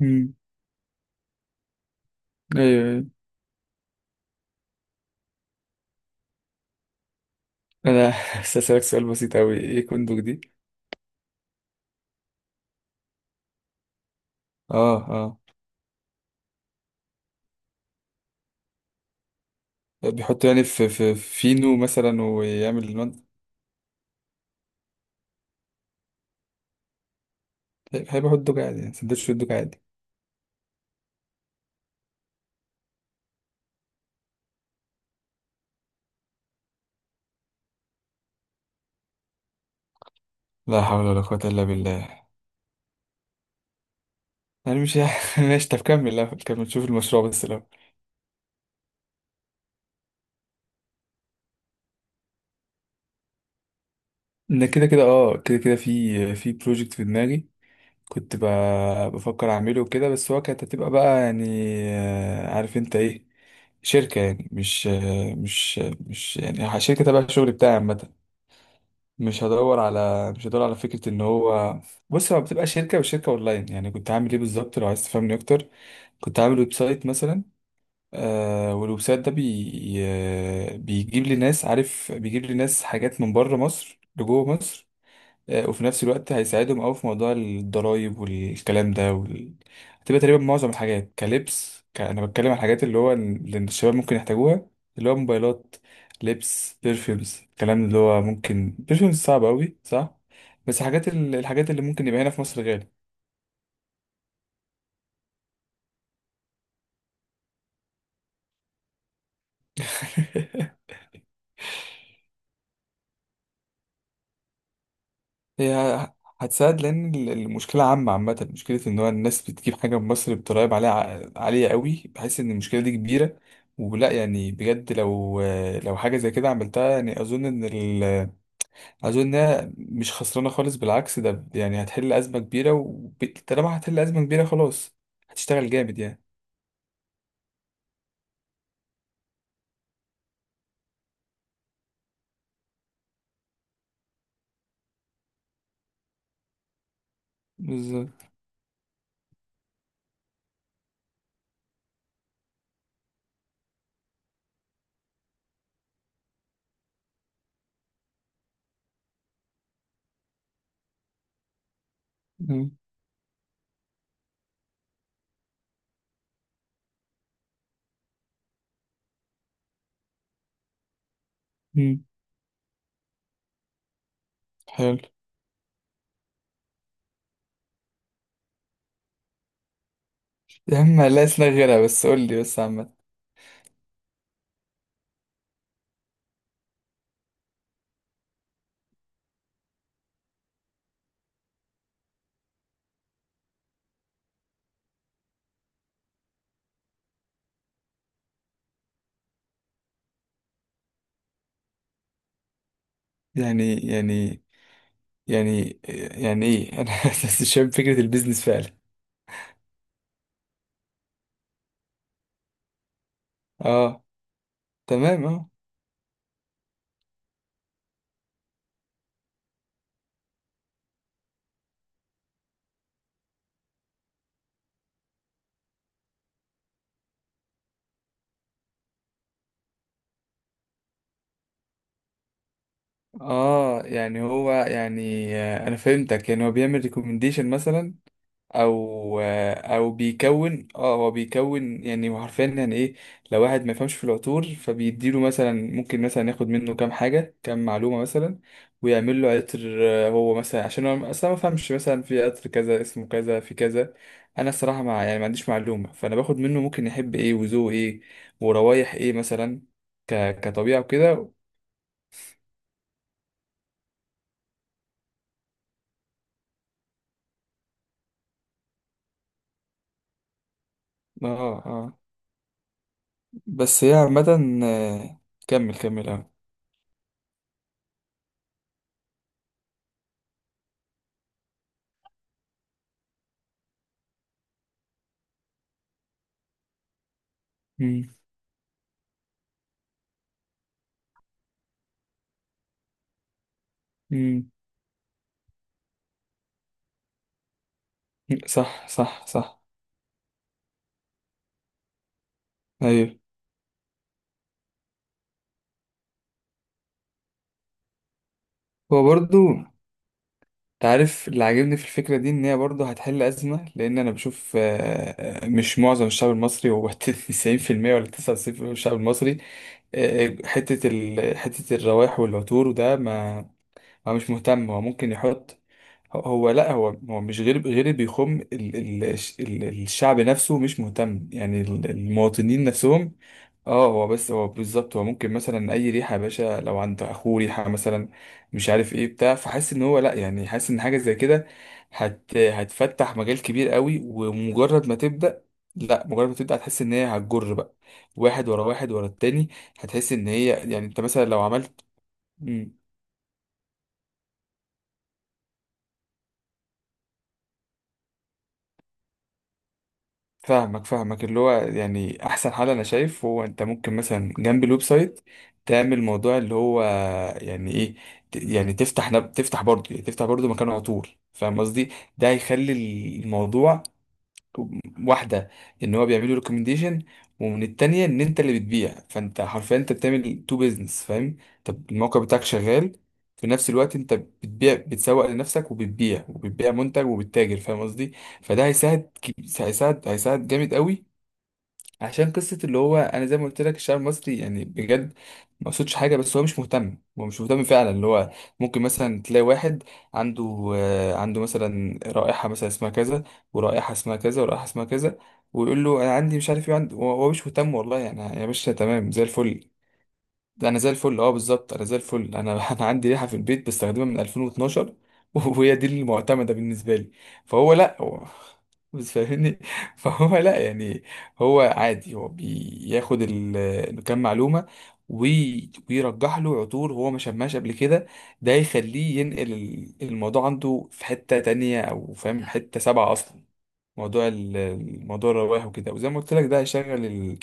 مم. ايوه، ايوه. انا هسألك سؤال بسيط اوي. ايه كندوك دي؟ اه، اه، بيحط يعني في فينو مثلا ويعمل المن... هيبقى حط دوج عادي، يعني سندوتش دوج عادي. لا حول ولا قوة إلا بالله. أنا مش ماشي. طب كمل الأول، كمل، شوف المشروع بس الأول. إن كده كده، كده كده، في بروجكت في دماغي. كنت ب... بفكر أعمله وكده، بس هو كانت هتبقى بقى يعني عارف أنت إيه، شركة. يعني مش يعني شركة تبع الشغل بتاعي عامة. مش هدور على فكره ان هو، بص هو بتبقى شركه وشركه اونلاين. يعني كنت هعمل ايه بالظبط لو عايز تفهمني اكتر؟ كنت عامل ويب سايت مثلا. آه، والويب سايت ده بي... آه، بيجيب لي ناس، عارف، بيجيب لي ناس حاجات من بره مصر لجوه مصر. وفي نفس الوقت هيساعدهم أوي في موضوع الضرايب والكلام ده هتبقى تقريبا معظم الحاجات كلبس أنا بتكلم عن الحاجات اللي هو اللي الشباب ممكن يحتاجوها. اللي هو موبايلات، لبس، بيرفيومز، الكلام اللي هو ممكن بيرفيومز صعب أوي صح. بس حاجات الحاجات اللي ممكن يبقى هنا في مصر غالي. هي هتساعد لان المشكله عامه عامه، مشكله ان هو الناس بتجيب حاجه من مصر بضرايب عليها عاليه قوي. بحس ان المشكله دي كبيره، ولا يعني بجد. لو حاجه زي كده عملتها، يعني اظن ان اظن انها مش خسرانه خالص، بالعكس ده يعني هتحل ازمه كبيره، وطالما هتحل ازمه كبيره خلاص هتشتغل جامد يعني. بالظبط. مم. مم. حلو. يا عم لا، اسنان غيرها، بس قول لي بس عامه. يعني، يعني، يعني، يعني ايه؟ انا بس شايف فكرة البيزنس فعلا. اه، تمام، اه، اه، يعني هو يعني انا فهمتك. يعني هو بيعمل ريكومنديشن مثلا. او او بيكون، اه، هو بيكون، يعني هو حرفيا يعني ايه؟ لو واحد ما يفهمش في العطور فبيديله مثلا، ممكن مثلا ياخد منه كام حاجه، كام معلومه مثلا، ويعمل له عطر. هو مثلا عشان هو اصلا ما فهمش، مثلا في عطر كذا اسمه كذا في كذا. انا الصراحه مع، يعني، ما عنديش معلومه، فانا باخد منه ممكن يحب ايه وذوقه ايه وروايح ايه مثلا، كطبيعه وكده. اه، اه، بس هي عامه. آه، كمل، كمل، اه. مم. مم. صح، صح، صح. ايوه، هو برضو. انت عارف اللي عاجبني في الفكرة دي ان هي برضو هتحل أزمة، لان انا بشوف مش معظم الشعب المصري هو 90% ولا 99% من الشعب المصري. حتة الروائح والعطور وده ما، هو مش مهتم، هو ممكن يحط. هو لا، هو مش غير اللي بيخم ال ال ال الشعب نفسه مش مهتم، يعني المواطنين نفسهم. اه، هو بس هو بالظبط، هو ممكن مثلا اي ريحه يا باشا. لو عند اخوه ريحه مثلا مش عارف ايه بتاع، فحاسس ان هو لا، يعني حاسس ان حاجه زي كده هتفتح مجال كبير قوي. ومجرد ما تبدا، لا، مجرد ما تبدا هتحس ان هي هتجر بقى، واحد ورا واحد ورا التاني. هتحس ان هي، يعني انت مثلا لو عملت. فاهمك، فاهمك. اللي هو يعني احسن حل انا شايف، هو انت ممكن مثلا جنب الويب سايت تعمل موضوع اللي هو يعني ايه؟ يعني تفتح نب... تفتح برضه يعني تفتح برضه مكان عطور، فاهم قصدي؟ ده هيخلي الموضوع واحده ان هو بيعملوا ريكومنديشن، ومن التانية ان انت اللي بتبيع، فانت حرفيا انت بتعمل تو بيزنس، فاهم؟ طب الموقع بتاعك شغال في نفس الوقت، انت بتبيع، بتسوق لنفسك وبتبيع منتج وبتتاجر، فاهم قصدي؟ فده هيساعد كي- هيساعد هيساعد جامد قوي، عشان قصة اللي هو أنا زي ما قلت لك الشعب المصري يعني بجد ما قصدش حاجة، بس هو مش مهتم، هو مش مهتم فعلا. اللي هو ممكن مثلا تلاقي واحد عنده مثلا رائحة مثلا اسمها كذا، ورائحة اسمها كذا، ورائحة اسمها كذا، ويقول له أنا عندي مش عارف إيه عندي. هو مش مهتم والله، يعني يا باشا تمام زي الفل. ده انا زي الفل، اه، بالظبط، انا زي الفل. انا انا عندي ريحه في البيت بستخدمها من 2012. وهي دي المعتمده بالنسبه لي. فهو لا، هو بس فاهمني. فهو لا يعني، هو عادي، هو بياخد كام معلومه، ويرجح له عطور هو ما شماش قبل كده. ده يخليه ينقل الموضوع عنده في حته تانية، او فاهم، حته سبعه اصلا، موضوع الموضوع الرواه وكده. وزي ما قلت لك ده هيشغل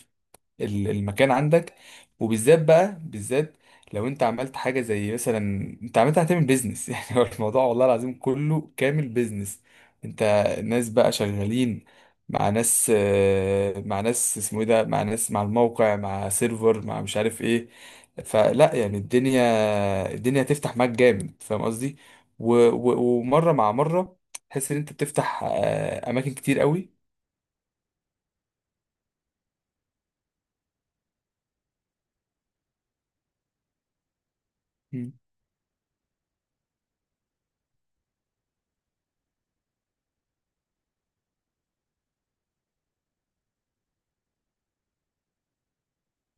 المكان عندك، وبالذات بقى بالذات لو انت عملت حاجه زي مثلا، انت عملت هتعمل بيزنس. يعني هو الموضوع والله العظيم كله كامل بيزنس. انت ناس بقى شغالين مع ناس، مع ناس اسمه ايه ده، مع ناس، مع الموقع، مع سيرفر، مع مش عارف ايه. فلا يعني، الدنيا هتفتح معاك جامد، فاهم قصدي؟ ومره مع مره تحس ان انت بتفتح اماكن كتير قوي. مم.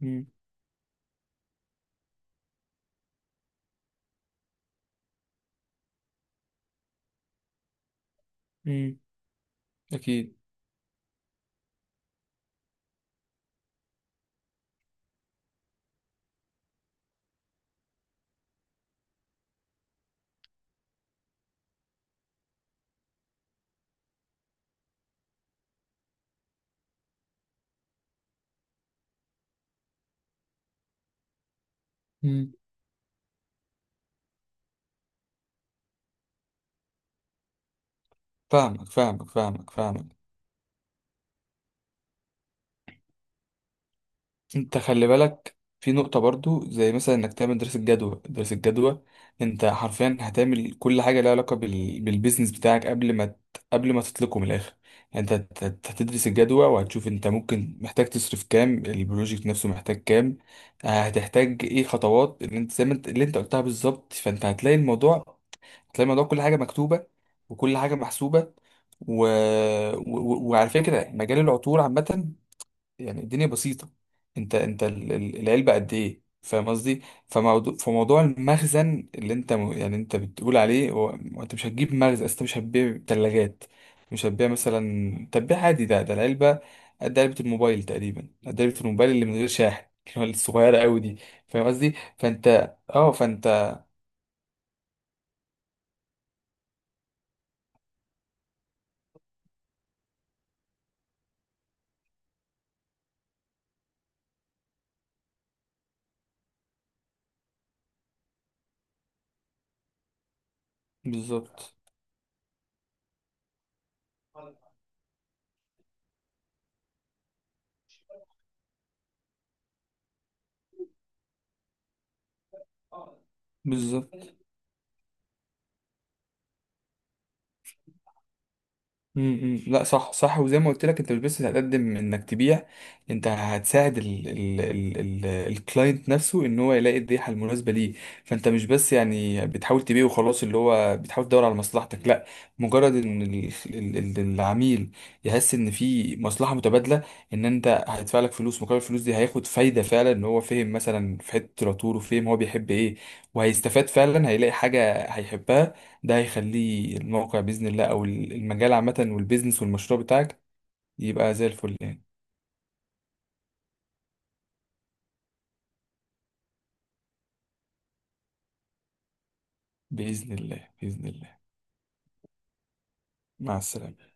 مم. مم. اكيد. فاهمك، فاهمك، فاهمك، فاهمك. انت خلي بالك في نقطة برضو، زي مثلا انك تعمل دراسة جدوى، دراسة جدوى. انت حرفيا هتعمل كل حاجة لها علاقة بالبيزنس بتاعك قبل ما قبل ما تطلقه من الاخر. يعني انت هتدرس الجدوى، وهتشوف انت ممكن محتاج تصرف كام، البروجكت نفسه محتاج كام. هتحتاج ايه خطوات، اللي انت زي ما انت اللي انت قلتها بالظبط. فانت هتلاقي الموضوع كل حاجة مكتوبة، وكل حاجة محسوبة. و... وعلى فكرة مجال العطور عامة، يعني الدنيا بسيطة. انت العلبة قد ايه، فاهم قصدي؟ فموضوع المخزن، اللي انت يعني انت بتقول عليه، هو انت مش هتجيب مخزن، أصل انت مش هتبيع تلاجات. مش هتبيع، مثلا تبيع عادي. ده العلبة قد علبة الموبايل تقريبا، قد علبة الموبايل اللي من غير شاحن اللي هو الصغيرة قوي دي. فاهم قصدي؟ فانت بالظبط، بالظبط. لا، صح، صح. وزي ما قلت لك انت مش بس هتقدم انك تبيع، انت هتساعد ال ال ال ال الكلاينت نفسه ان هو يلاقي الريحه المناسبه ليه. فانت مش بس يعني بتحاول تبيع وخلاص، اللي هو بتحاول تدور على مصلحتك. لا، مجرد ان ال ال ال العميل يحس ان في مصلحه متبادله، ان انت هيدفع لك فلوس، مقابل الفلوس دي هياخد فايده فعلا. ان هو فهم مثلا في حته العطور وفهم هو بيحب ايه، وهيستفاد فعلا، هيلاقي حاجه هيحبها. ده هيخليه الموقع بإذن الله أو المجال عامة والبيزنس والمشروع بتاعك يبقى زي الفل يعني. بإذن الله، بإذن الله. مع السلامة.